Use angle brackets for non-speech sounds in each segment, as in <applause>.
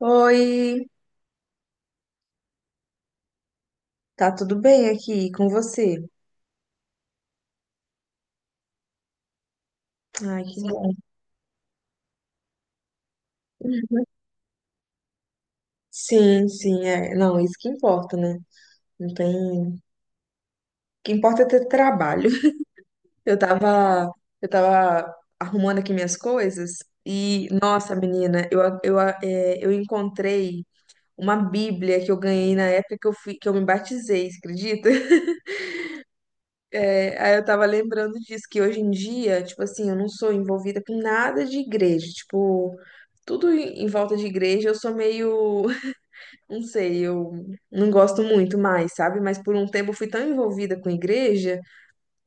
Oi, tá tudo bem aqui com você? Ai, que bom. Sim, sim, é. Não, isso que importa, né? Não tem. O que importa é ter trabalho. <laughs> Eu tava, eu tava arrumando aqui minhas coisas e, nossa, menina, eu, eu encontrei uma Bíblia que eu ganhei na época que eu me batizei, você acredita? <laughs> É, aí eu tava lembrando disso, que hoje em dia, tipo assim, eu não sou envolvida com nada de igreja, tipo, tudo em volta de igreja, eu sou meio. Não sei, eu não gosto muito mais, sabe? Mas por um tempo eu fui tão envolvida com igreja,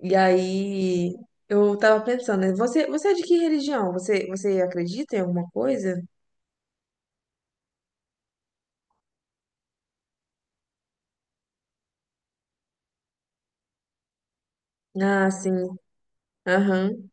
e aí eu tava pensando, né, você é de que religião? Você acredita em alguma coisa? Ah, sim. Aham.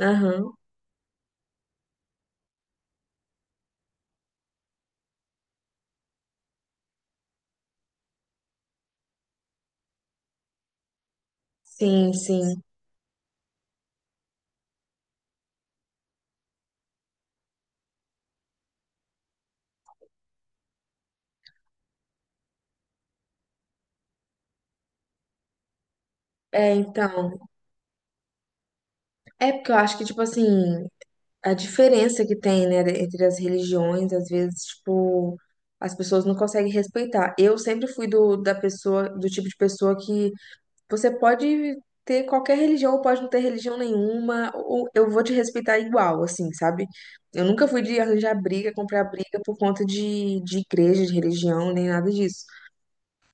Aham. Sim, sim. É, então, é porque eu acho que, tipo assim, a diferença que tem, né, entre as religiões, às vezes, tipo, as pessoas não conseguem respeitar. Eu sempre fui da pessoa, do tipo de pessoa que. Você pode ter qualquer religião ou pode não ter religião nenhuma, ou eu vou te respeitar igual, assim, sabe? Eu nunca fui de arranjar briga, comprar briga por conta de igreja, de religião, nem nada disso.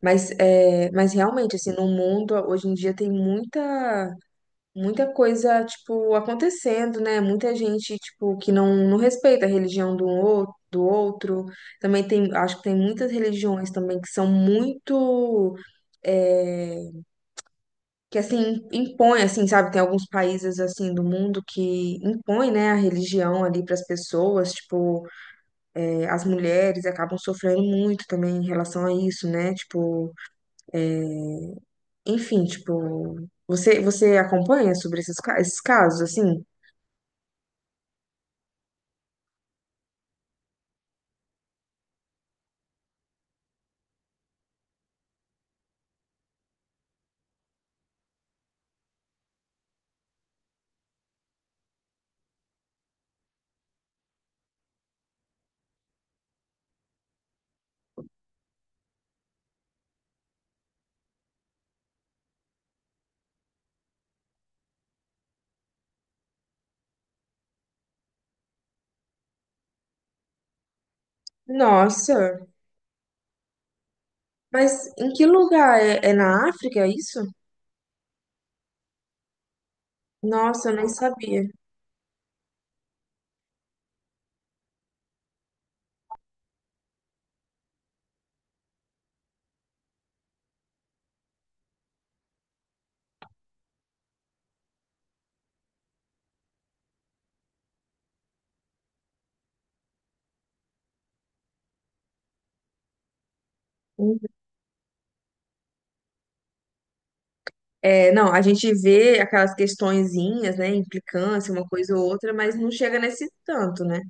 Mas, é, mas realmente, assim, no mundo, hoje em dia tem muita, muita coisa, tipo, acontecendo, né? Muita gente, tipo, que não respeita a religião do outro. Do outro, também tem, acho que tem muitas religiões também que são muito, é, que assim impõe, assim, sabe? Tem alguns países assim do mundo que impõe, né, a religião ali para as pessoas, tipo, as mulheres acabam sofrendo muito também em relação a isso, né? Tipo, enfim, tipo, você acompanha sobre esses, esses casos assim? Nossa, mas em que lugar é, é na África é isso? Nossa, eu nem sabia. Uhum. É, não, a gente vê aquelas questõezinhas, né, implicância, uma coisa ou outra, mas não chega nesse tanto, né?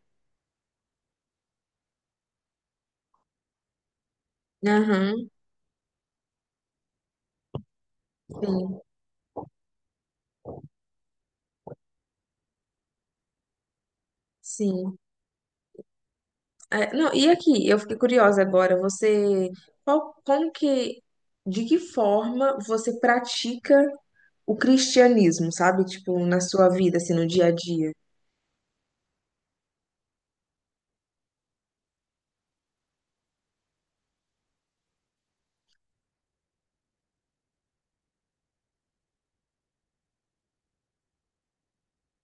Aham, sim. Sim. É, não, e aqui, eu fiquei curiosa agora, você, qual, como que, de que forma você pratica o cristianismo, sabe? Tipo, na sua vida, assim, no dia a dia.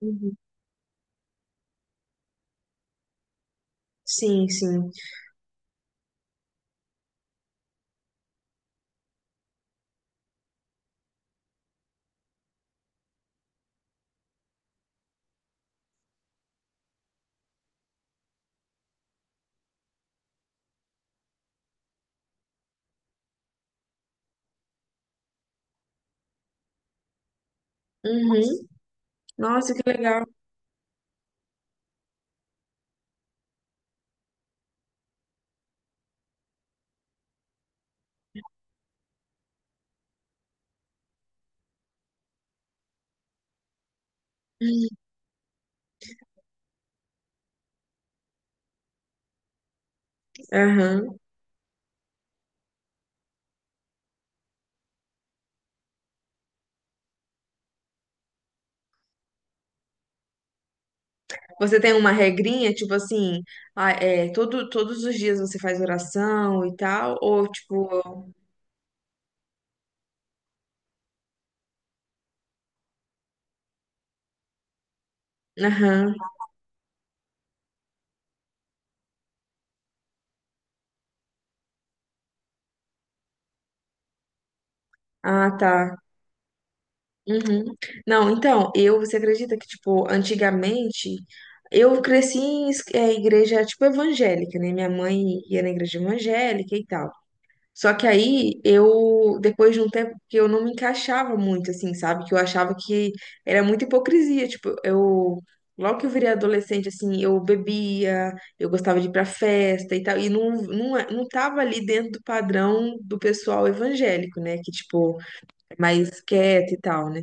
Uhum. Sim, sim. Uhum. Nossa, que legal. Aham. Você tem uma regrinha, tipo assim, ah, é, todo, todos os dias você faz oração e tal, ou tipo, aham. Ah, tá. Uhum. Não, então, eu, você acredita que, tipo, antigamente, eu cresci em igreja, tipo, evangélica, né? Minha mãe ia na igreja evangélica e tal. Só que aí, eu, depois de um tempo que eu não me encaixava muito, assim, sabe? Que eu achava que era muita hipocrisia, tipo, eu... Logo que eu virei adolescente, assim, eu bebia, eu gostava de ir pra festa e tal, e não tava ali dentro do padrão do pessoal evangélico, né? Que, tipo, mais quieta e tal, né?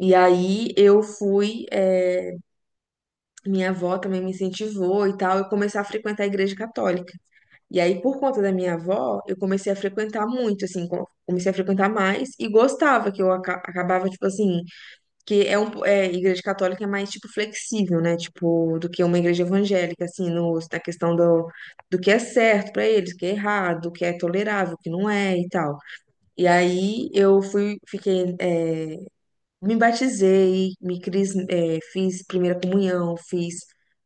E aí eu fui, minha avó também me incentivou e tal, eu comecei a frequentar a igreja católica. E aí, por conta da minha avó, eu comecei a frequentar muito, assim, comecei a frequentar mais e gostava que eu acabava, tipo assim, que é um, é, igreja católica é mais, tipo, flexível, né, tipo, do que uma igreja evangélica, assim, no, na questão do, do que é certo pra eles, o que é errado, o que é tolerável, o que não é e tal. E aí, eu fui, fiquei, me batizei, fiz primeira comunhão, fiz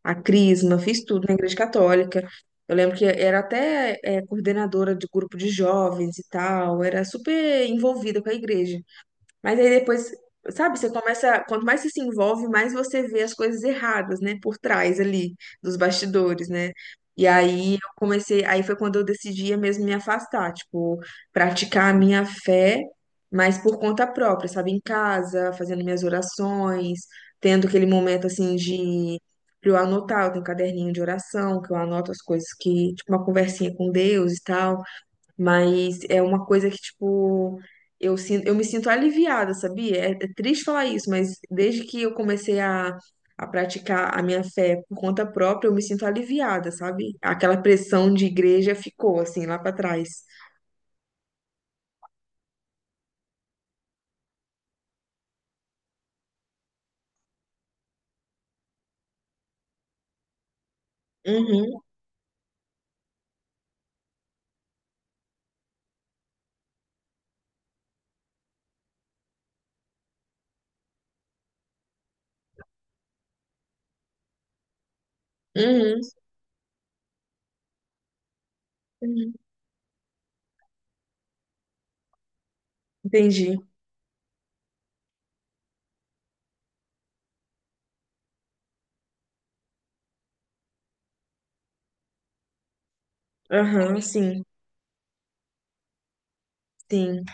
a crisma, fiz tudo na igreja católica. Eu lembro que era até coordenadora de grupo de jovens e tal, era super envolvida com a igreja. Mas aí depois, sabe, você começa, quanto mais você se envolve, mais você vê as coisas erradas, né, por trás ali dos bastidores, né? E aí eu comecei, aí foi quando eu decidi mesmo me afastar, tipo, praticar a minha fé, mas por conta própria, sabe, em casa, fazendo minhas orações, tendo aquele momento assim de pra eu anotar, eu tenho um caderninho de oração, que eu anoto as coisas que, tipo, uma conversinha com Deus e tal. Mas é uma coisa que, tipo, eu sinto, eu me sinto aliviada, sabia? É, é triste falar isso, mas desde que eu comecei a praticar a minha fé por conta própria, eu me sinto aliviada, sabe? Aquela pressão de igreja ficou, assim, lá pra trás. Uhum, uhum, uhum. Entendi. Aham, sim, sim.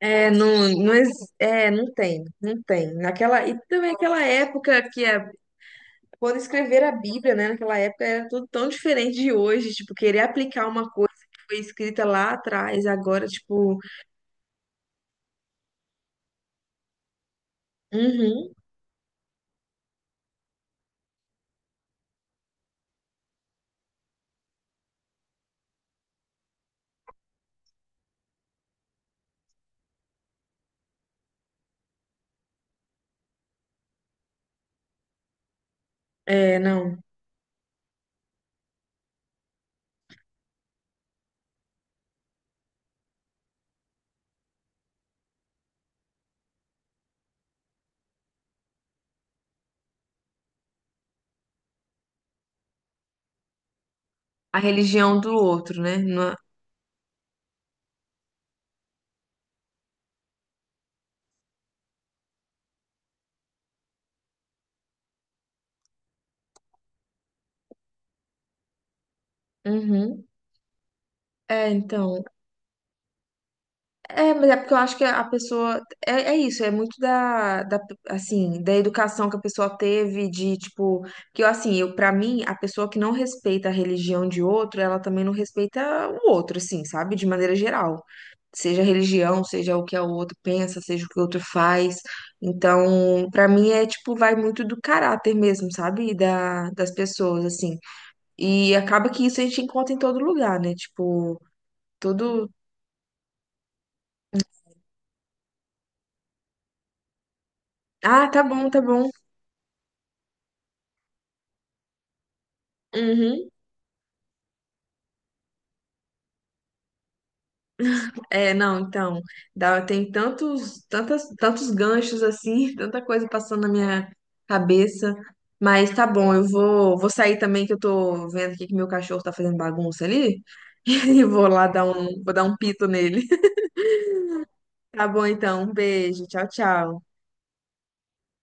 É, não tem, não tem. Naquela, e também aquela época que é quando escrever a Bíblia, né, naquela época era tudo tão diferente de hoje, tipo, querer aplicar uma coisa que foi escrita lá atrás, agora, tipo, uhum, é, não, a religião do outro, né? Uhum. É, então, é, mas é porque eu acho que a pessoa, é, é isso, é muito da, assim, da educação que a pessoa teve, de, tipo, que eu, assim, eu, pra mim, a pessoa que não respeita a religião de outro, ela também não respeita o outro, assim, sabe? De maneira geral. Seja religião, seja o que o outro pensa, seja o que o outro faz. Então, pra mim é tipo, vai muito do caráter mesmo, sabe? E da, das pessoas, assim. E acaba que isso a gente encontra em todo lugar, né? Tipo, todo. Ah, tá bom, tá bom. Uhum. É, não, então, dá, tem tantos, tantas, tantos ganchos assim, <laughs> tanta coisa passando na minha cabeça. Mas tá bom, eu vou, vou sair também, que eu tô vendo aqui que meu cachorro tá fazendo bagunça ali. <laughs> E vou lá dar um, vou dar um pito nele. <laughs> Tá bom, então, um beijo, tchau, tchau.